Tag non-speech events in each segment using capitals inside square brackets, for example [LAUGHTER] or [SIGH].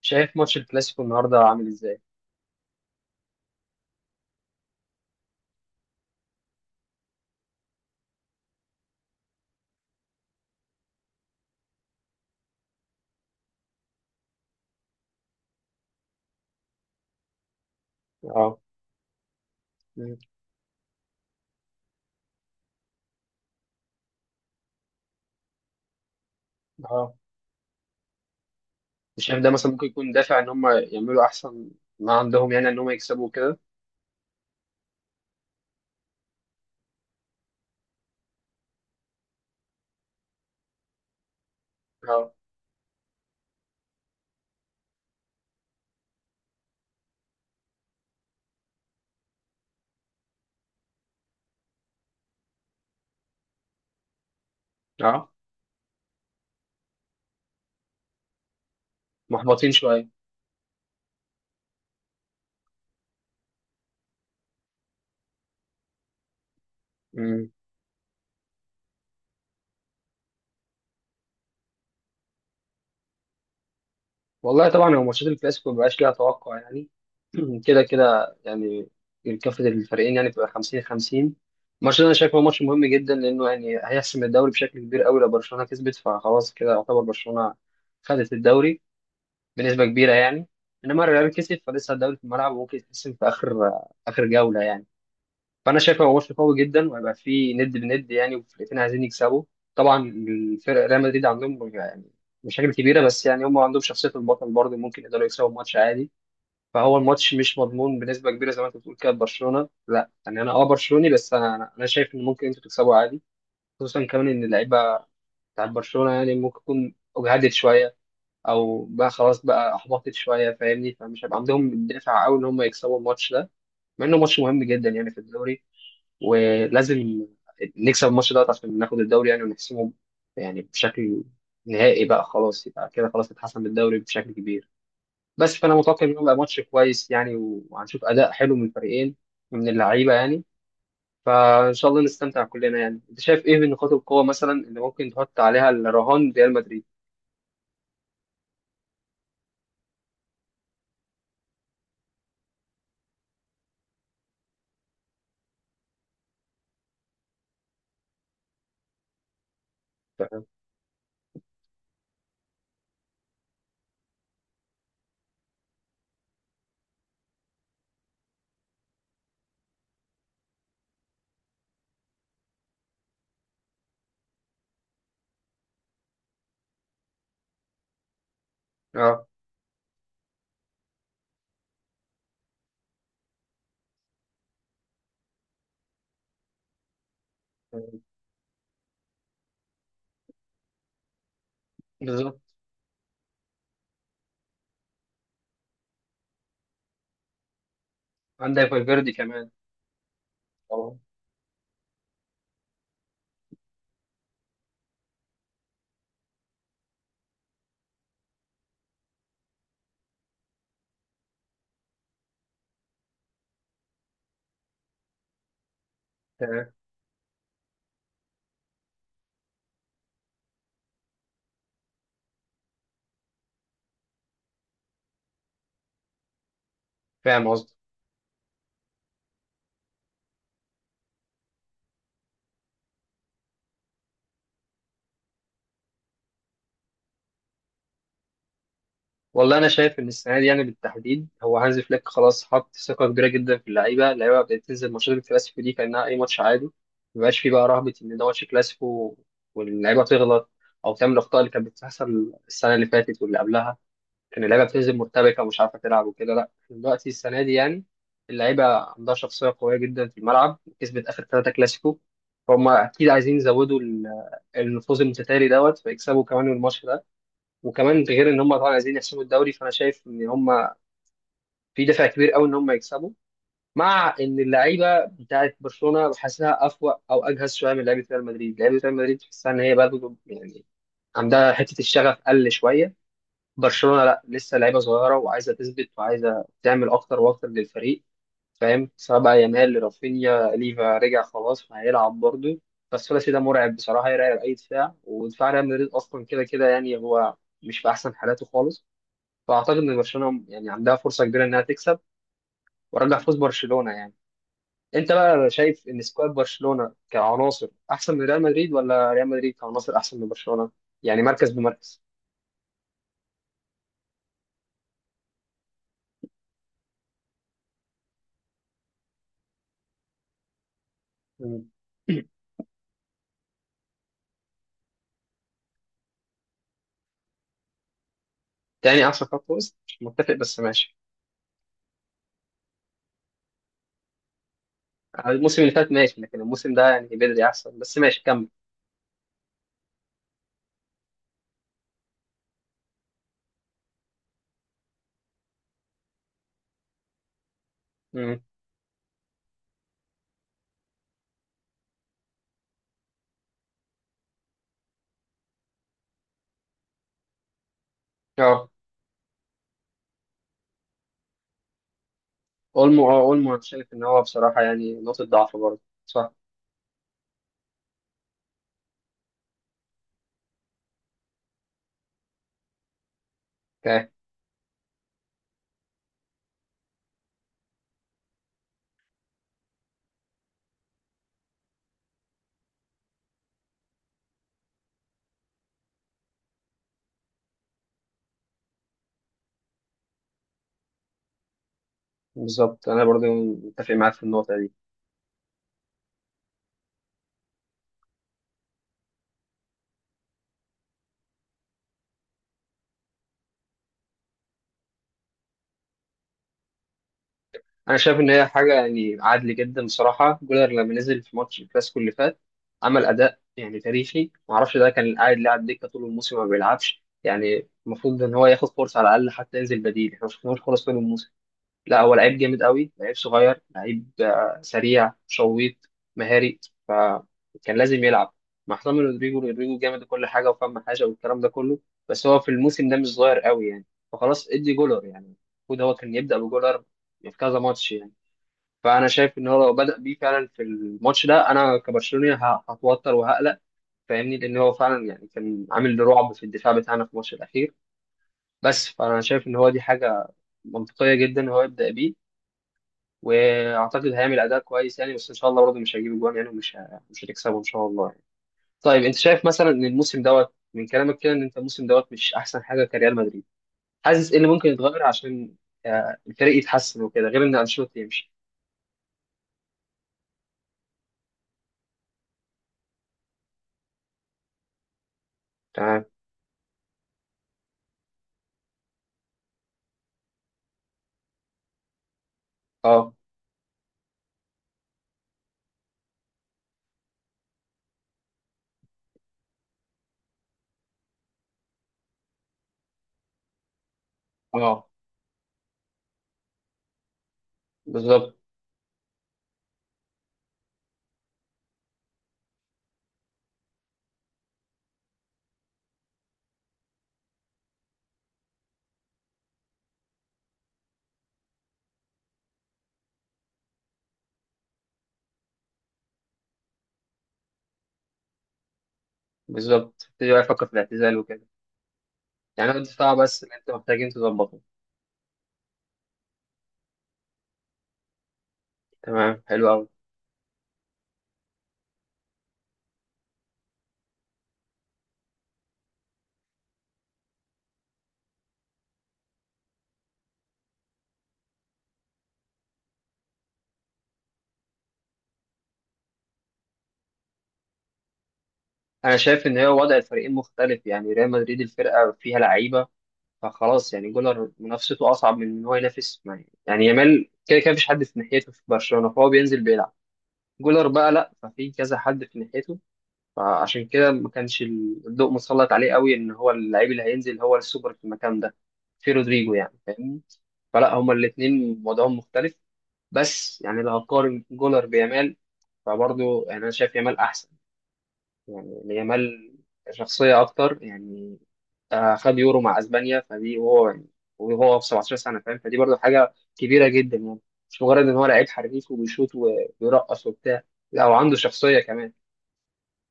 شايف ماتش الكلاسيكو النهارده عامل ازاي؟ اه. مم. اه. شايف ده مثلا ممكن يكون دافع ان هم يعملوا احسن ما عندهم، يعني ان هم يكسبوا كده. اه. اه، محبطين شويه. مم. والله طبعا هو ماتشات الكلاسيكو مبقاش ليها توقع يعني. [CLEARS THROAT] كده كده يعني، كافة الفريقين يعني بتبقى 50 50. الماتش ده انا شايفه ماتش مهم جدا، لانه يعني هيحسم الدوري بشكل كبير قوي. لو برشلونه كسبت فخلاص، كده يعتبر برشلونه خدت الدوري بنسبة كبيرة يعني. انما الريال كسب، فلسه الدوري في الملعب وممكن يتحسم في اخر جولة يعني. فانا شايف هو ماتش قوي جدا وهيبقى فيه ند بند يعني، والفرقتين عايزين يكسبوا. طبعا الفرق، ريال مدريد عندهم يعني مشاكل كبيرة، بس يعني هم عندهم شخصية البطل برضه، ممكن يقدروا يكسبوا الماتش عادي. فهو الماتش مش مضمون بنسبة كبيرة زي ما انت بتقول كده. برشلونة لا يعني، انا اه برشلوني، بس انا انا أنا شايف ان ممكن انتوا تكسبوا عادي. خصوصا كمان ان اللعيبة بتاعت برشلونة يعني ممكن تكون اجهدت شوية، او بقى خلاص بقى احبطت شويه، فاهمني، فمش هيبقى عندهم الدافع قوي ان هم يكسبوا الماتش ده. مع انه ماتش مهم جدا يعني في الدوري، ولازم نكسب الماتش ده عشان ناخد الدوري يعني ونحسمه، يعني بشكل نهائي بقى. خلاص يبقى كده، خلاص اتحسم الدوري بشكل كبير بس. فانا متوقع ان هو يبقى ماتش كويس يعني، وهنشوف اداء حلو من الفريقين، من اللعيبه يعني. فان شاء الله نستمتع كلنا يعني. انت شايف ايه من نقاط القوه مثلا اللي ممكن تحط عليها الرهان ريال مدريد؟ اه، بالظبط. عندك فالفيردي كمان طبعا. تمام. فاهم قصدي. والله انا شايف ان السنه دي يعني بالتحديد، هو هانز فليك خلاص حط ثقه كبيره جدا في اللعيبه. اللعيبه بدات تنزل ماتشات الكلاسيكو دي كانها اي ماتش عادي، مبقاش فيه بقى رهبه ان ده ماتش كلاسيكو واللعيبه تغلط او تعمل الاخطاء اللي كانت بتحصل السنه اللي فاتت واللي قبلها، ان اللعيبه بتنزل مرتبكه ومش عارفه تلعب وكده. لا، إحنا دلوقتي السنه دي يعني اللعيبه عندها شخصيه قويه جدا في الملعب، كسبت اخر ثلاثه كلاسيكو. فهم اكيد عايزين يزودوا النفوذ المتتالي دوت، فيكسبوا كمان الماتش ده. وكمان ده غير ان هم طبعا عايزين يحسموا الدوري، فانا شايف ان هم في دافع كبير قوي ان هم يكسبوا. مع ان اللعيبه بتاعت برشلونه بحسها افوق او اجهز شويه من لعيبه ريال مدريد. لعيبه ريال مدريد تحسها ان هي برضه يعني عندها حته الشغف قل شويه. برشلونة لا، لسه لعيبة صغيرة وعايزة تثبت وعايزة تعمل أكتر وأكتر للفريق، فاهم؟ سواء بقى يامال، رافينيا، ليفا رجع خلاص فهيلعب برضه، بس الثلاثي ده مرعب بصراحة، يرعب أي دفاع، ودفاع ريال مدريد أصلا كده كده يعني هو مش في أحسن حالاته خالص. فأعتقد إن برشلونة يعني عندها فرصة كبيرة إنها تكسب، وأرجح فوز برشلونة يعني. أنت بقى شايف إن سكواد برشلونة كعناصر أحسن من ريال مدريد، ولا ريال مدريد كعناصر أحسن من برشلونة؟ يعني مركز بمركز. مم. تاني أحسن خط وسط؟ مش متفق، بس ماشي. الموسم اللي فات ماشي، لكن الموسم ده يعني بدري احسن، بس ماشي كمل. امم اه، اولمو. اه اولمو، انا شايف ان هو بصراحه يعني نقطه ضعف برضه، صح. اوكي. بالظبط، انا برضه متفق معاك في النقطه دي. انا شايف ان هي حاجه يعني عادل جدا بصراحه. جولر لما نزل في ماتش الكلاسيكو اللي فات عمل اداء يعني تاريخي، ما اعرفش ده كان قاعد لاعب دكه طول الموسم ما بيلعبش يعني. المفروض ان هو ياخد فرصه على الاقل، حتى ينزل بديل، احنا ما شفناهوش خالص طول الموسم. لا هو لعيب جامد قوي، لعيب صغير، لعيب سريع شويط، مهاري، فكان لازم يلعب مع حسام رودريجو. رودريجو جامد كل حاجه وفهم حاجه والكلام ده كله، بس هو في الموسم ده مش صغير قوي يعني، فخلاص ادي جولر يعني. المفروض هو كان يبدا بجولر في كذا ماتش يعني. فانا شايف ان هو لو بدا بيه فعلا في الماتش ده، انا كبرشلوني هتوتر وهقلق، فاهمني، لان هو فعلا يعني كان عامل رعب في الدفاع بتاعنا في الماتش الاخير. بس فانا شايف ان هو دي حاجه منطقيه جدا هو يبدا بيه، واعتقد هيعمل اداء كويس يعني، بس ان شاء الله برضه مش هيجيب جوان يعني ومش مش هتكسبه ان شاء الله يعني. طيب انت شايف مثلا ان الموسم دوت، من كلامك كده ان انت الموسم دوت مش احسن حاجه كريال مدريد، حاسس ايه اللي ممكن يتغير عشان الفريق يتحسن وكده، غير ان انشيلوتي يمشي؟ تمام. اه. اه، بالظبط. بالظبط، تبتدي بقى يفكر في الاعتزال وكده. يعني هو الدفاع بس اللي انت محتاجين تظبطه؟ تمام، حلو قوي. انا شايف ان هو وضع الفريقين مختلف يعني. ريال مدريد الفرقه فيها لعيبه، فخلاص يعني جولر منافسته اصعب من ان هو ينافس يعني يامال كده كده مفيش حد في ناحيته في برشلونه، فهو بينزل بيلعب. جولر بقى لا، ففي كذا حد في ناحيته، فعشان كده ما كانش الضوء مسلط عليه قوي، ان هو اللعيب اللي هينزل هو السوبر في المكان ده، في رودريجو يعني، فاهمني. فلا، هما الاثنين وضعهم مختلف. بس يعني لو هقارن جولر بيامال فبرضه يعني انا شايف يامال احسن، يعني ليامال شخصية أكتر يعني. خد يورو مع أسبانيا فدي، وهو يعني وهو في 17 سنة، فاهم؟ فدي برضو حاجة كبيرة جدا يعني، مش مجرد إن هو لعيب حريف وبيشوط وبيرقص وبتاع، لا، وعنده شخصية كمان.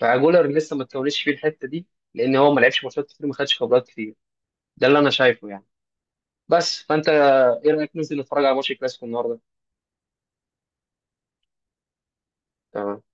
فجولر لسه ما اتكونتش فيه الحتة دي، لأن هو ما لعبش ماتشات كتير وما خدش خبرات كتير. ده اللي أنا شايفه يعني. بس فأنت إيه رأيك ننزل نتفرج على ماتش الكلاسيكو النهاردة؟ تمام.